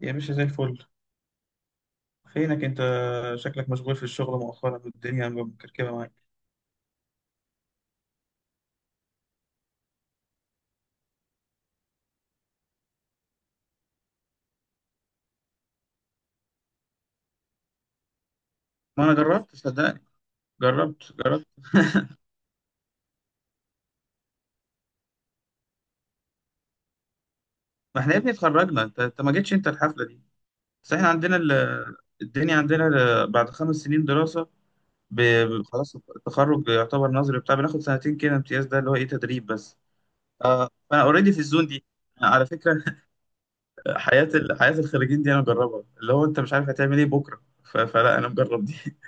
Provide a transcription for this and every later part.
يا باشا، زي الفل. فينك انت؟ شكلك مشغول في الشغل مؤخرا والدنيا مكركبه معاك. ما انا جربت، صدقني. جربت. ما احنا يا ابني اتخرجنا. انت ما جيتش انت الحفله دي. بس احنا عندنا ال... الدنيا عندنا ال... بعد خمس سنين دراسه، خلاص التخرج يعتبر نظري بتاع، بناخد سنتين كده امتياز، ده اللي هو ايه، تدريب بس. آه، فانا اوريدي في الزون دي، على فكره حياه ال... حياه الخريجين دي انا مجربها، اللي هو انت مش عارف هتعمل ايه بكره، فلا، انا مجرب دي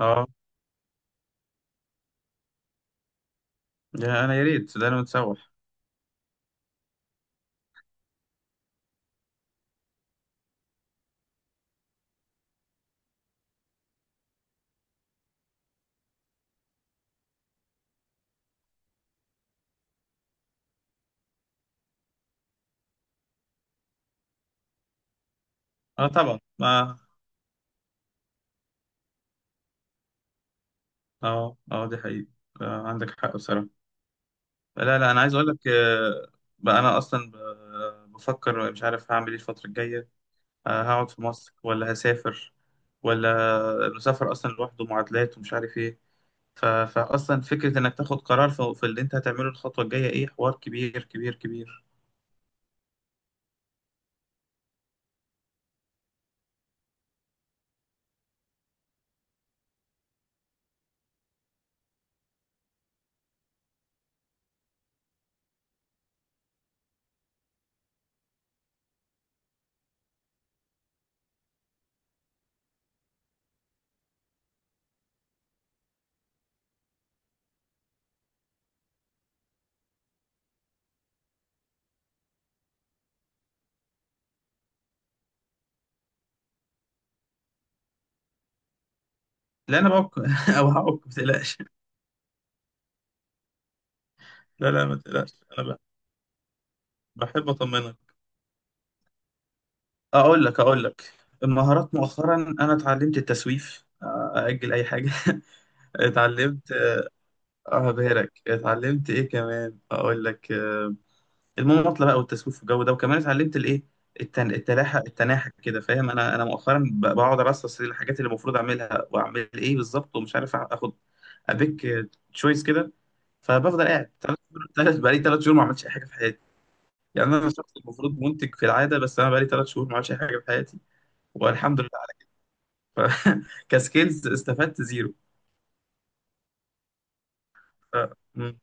اه، يا انا يا ريت، ده انا متسوح. اه طبعا، ما. اه اه، دي حقيقة. آه، عندك حق بصراحة. لا لا، انا عايز اقول لك بقى انا اصلا بفكر مش عارف هعمل ايه الفترة الجاية. آه، هقعد في مصر ولا هسافر؟ ولا، المسافر اصلا لوحده معادلات ومش عارف ايه. فاصلا فكرة انك تاخد قرار في اللي انت هتعمله، الخطوة الجاية ايه، حوار كبير كبير كبير. لا انا بعك او هعك، ما تقلقش. لا لا، ما تقلقش. انا ب- بحب اطمنك. اقول لك. المهارات مؤخرا، انا اتعلمت التسويف، اجل اي حاجه اتعلمت اه، بهرك اتعلمت ايه كمان، اقول لك المماطله بقى والتسويف والجو ده، وكمان اتعلمت الايه، التن... التلاحة التناحة كده، فاهم؟ انا مؤخرا بقعد ارصص الحاجات اللي المفروض اعملها واعمل ايه بالظبط، ومش عارف اخد ابيك، تشويس كده. فبفضل قاعد ثلاث، بقالي ثلاث شهور ما عملتش اي حاجه في حياتي. يعني انا شخص المفروض منتج في العاده، بس انا بقالي ثلاث شهور ما عملتش اي حاجه في حياتي، والحمد كسكيلز استفدت زيرو. ف- مم.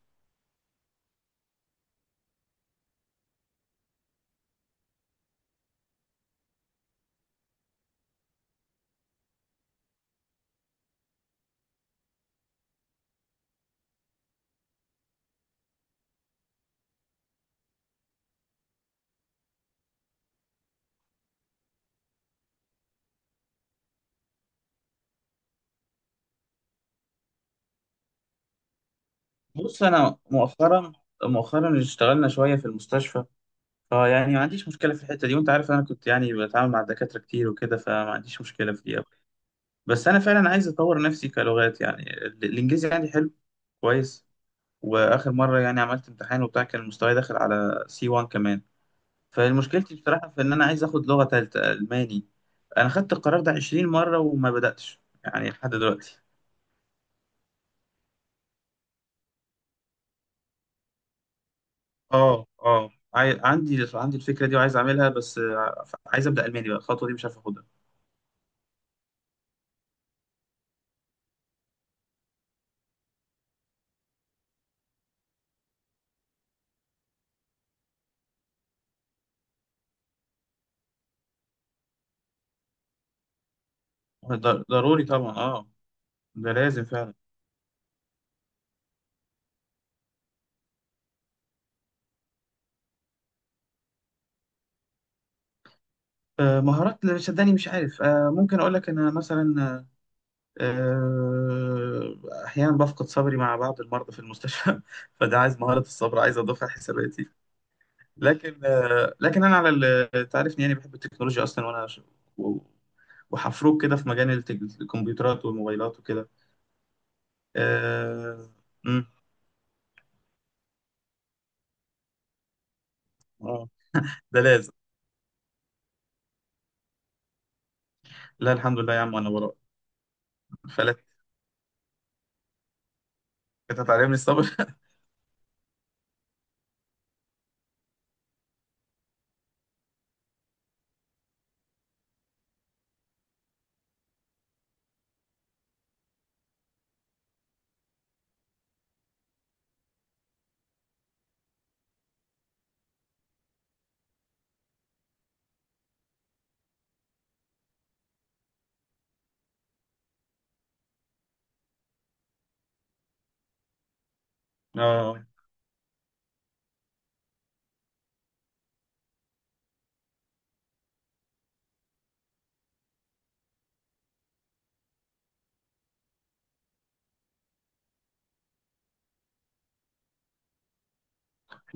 بص، انا مؤخرا مؤخرا اشتغلنا شويه في المستشفى. فيعني ما عنديش مشكله في الحته دي، وانت عارف انا كنت يعني بتعامل مع الدكاتره كتير وكده، فما عنديش مشكله في دي أوي. بس انا فعلا عايز اطور نفسي كلغات. يعني الانجليزي عندي حلو، كويس. واخر مره يعني عملت امتحان وبتاع، كان المستوى داخل على سي 1 كمان. فمشكلتي بصراحه في ان انا عايز اخد لغه ثالثه، الماني. انا خدت القرار ده 20 مره وما بداتش يعني لحد دلوقتي. اه اه، عندي الفكره دي وعايز اعملها، بس عايز ابدا الماني بقى، الخطوه دي مش عارف اخدها. ضروري طبعا، اه. ده لازم فعلا. مهارات اللي شداني، مش عارف ممكن اقول لك ان انا مثلا آه، احيانا بفقد صبري مع بعض المرضى في المستشفى فده عايز مهاره الصبر، عايز اضيفها حساباتي. لكن لكن انا على تعرفني يعني، بحب التكنولوجيا اصلا، وانا و- وحفروك كده في مجال الكمبيوترات والموبايلات وكده. اه. مم. آه. ده لازم. لا الحمد لله يا عم، انا وراك. فلت، كانت هتعلمني الصبر اه،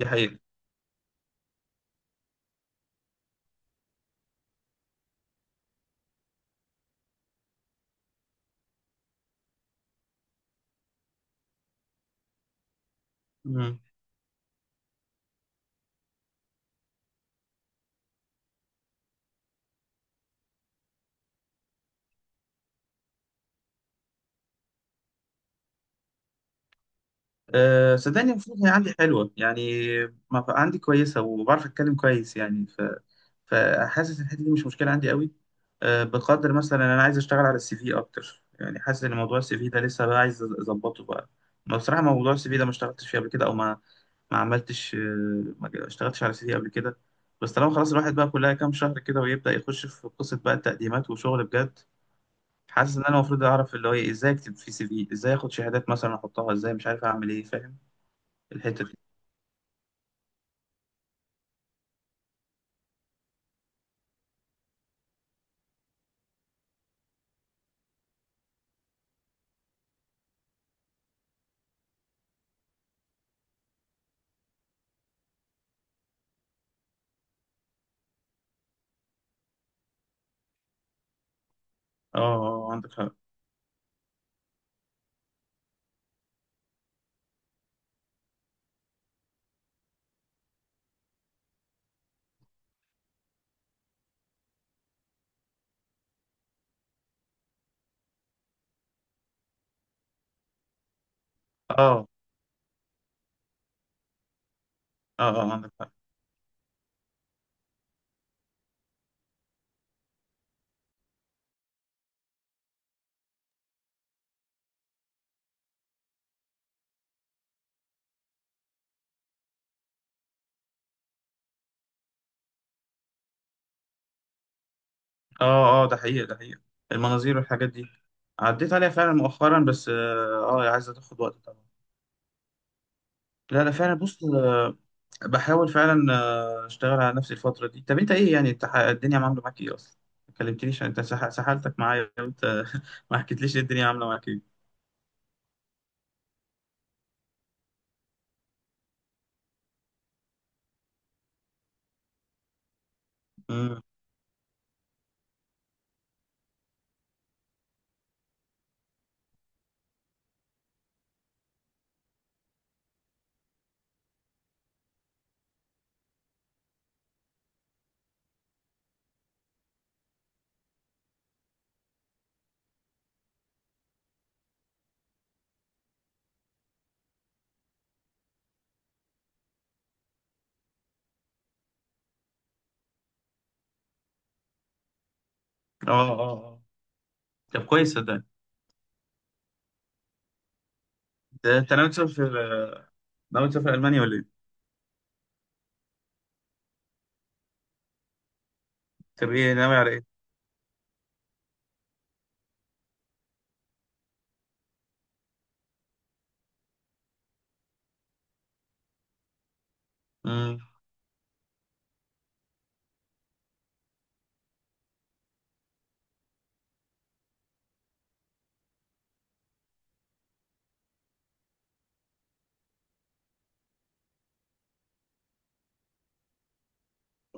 دي حقيقة. مم. أه صدقني، المفروض هي عندي حلوة يعني. ما بقى عندي كويسة وبعرف أتكلم كويس يعني، فحاسس إن الحتة دي مش مشكلة عندي قوي. أه بقدر مثلا أنا عايز أشتغل على السي في أكتر. يعني حاسس إن موضوع السي في ده لسه بقى عايز أظبطه بقى. ما بصراحة موضوع السي في ده ما اشتغلتش فيه قبل كده، أو ما عملتش، ما اشتغلتش على السي في قبل كده. بس طالما خلاص الواحد بقى، كلها كام شهر كده ويبدأ يخش في قصة بقى التقديمات وشغل بجد. حاسس ان انا المفروض اعرف اللي هو إيه، ازاي اكتب في سي في، ازاي اخد شهادات مثلا احطها، ازاي مش عارف اعمل ايه، فاهم؟ الحته دي. اه عندك حق. اه اه اه، عندك حق. اه اه، ده حقيقه، ده حقيقه. المناظير والحاجات دي عديت عليها فعلا مؤخرا، بس اه، عايزه تاخد وقت طبعا. لا لا، فعلا. بص بحاول فعلا اشتغل على نفسي الفتره دي. طب انت ايه يعني، انت الدنيا عامله معاك ايه اصلا؟ ما كلمتنيش، انت سحلتك معايا وانت ما حكيتليش إيه الدنيا عامله معاك ايه. مم. اه اه اه، طب كويس، صدقني. ده انت ناوي تسافر؟ ناوي تسافر المانيا ولا ايه؟ تبقى ايه، ناوي على ايه؟ امم،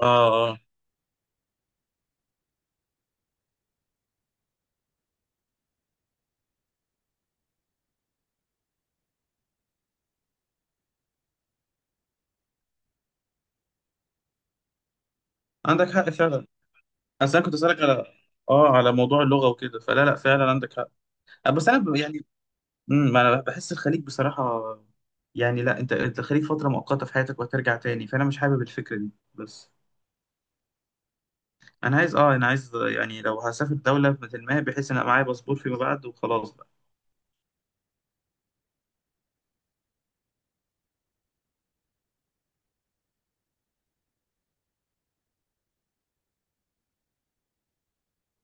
اه اه، عندك حق فعلا. اصل انا كنت اسالك على اه، على موضوع اللغه وكده، فلا لا، فعلا عندك حق. بس يعني، امم، ما انا بحس الخليج بصراحه. يعني لا، انت انت الخليج فتره مؤقته في حياتك وهترجع تاني، فانا مش حابب الفكره دي. بس انا عايز اه، انا عايز يعني لو هسافر دوله مثل ما هي، بحيث ان أبقى معايا باسبور فيما بعد وخلاص بقى.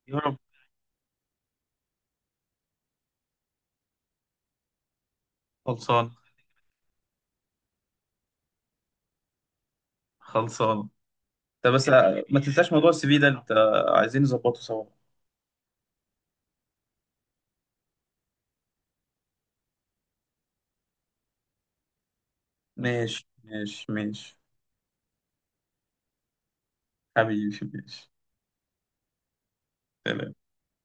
يا رب. خلصان، خلصان. طب بس ما تنساش موضوع السي في ده، انت عايزين نظبطه سوا. ماشي ماشي ماشي. حبيبي، ماشي. سلام.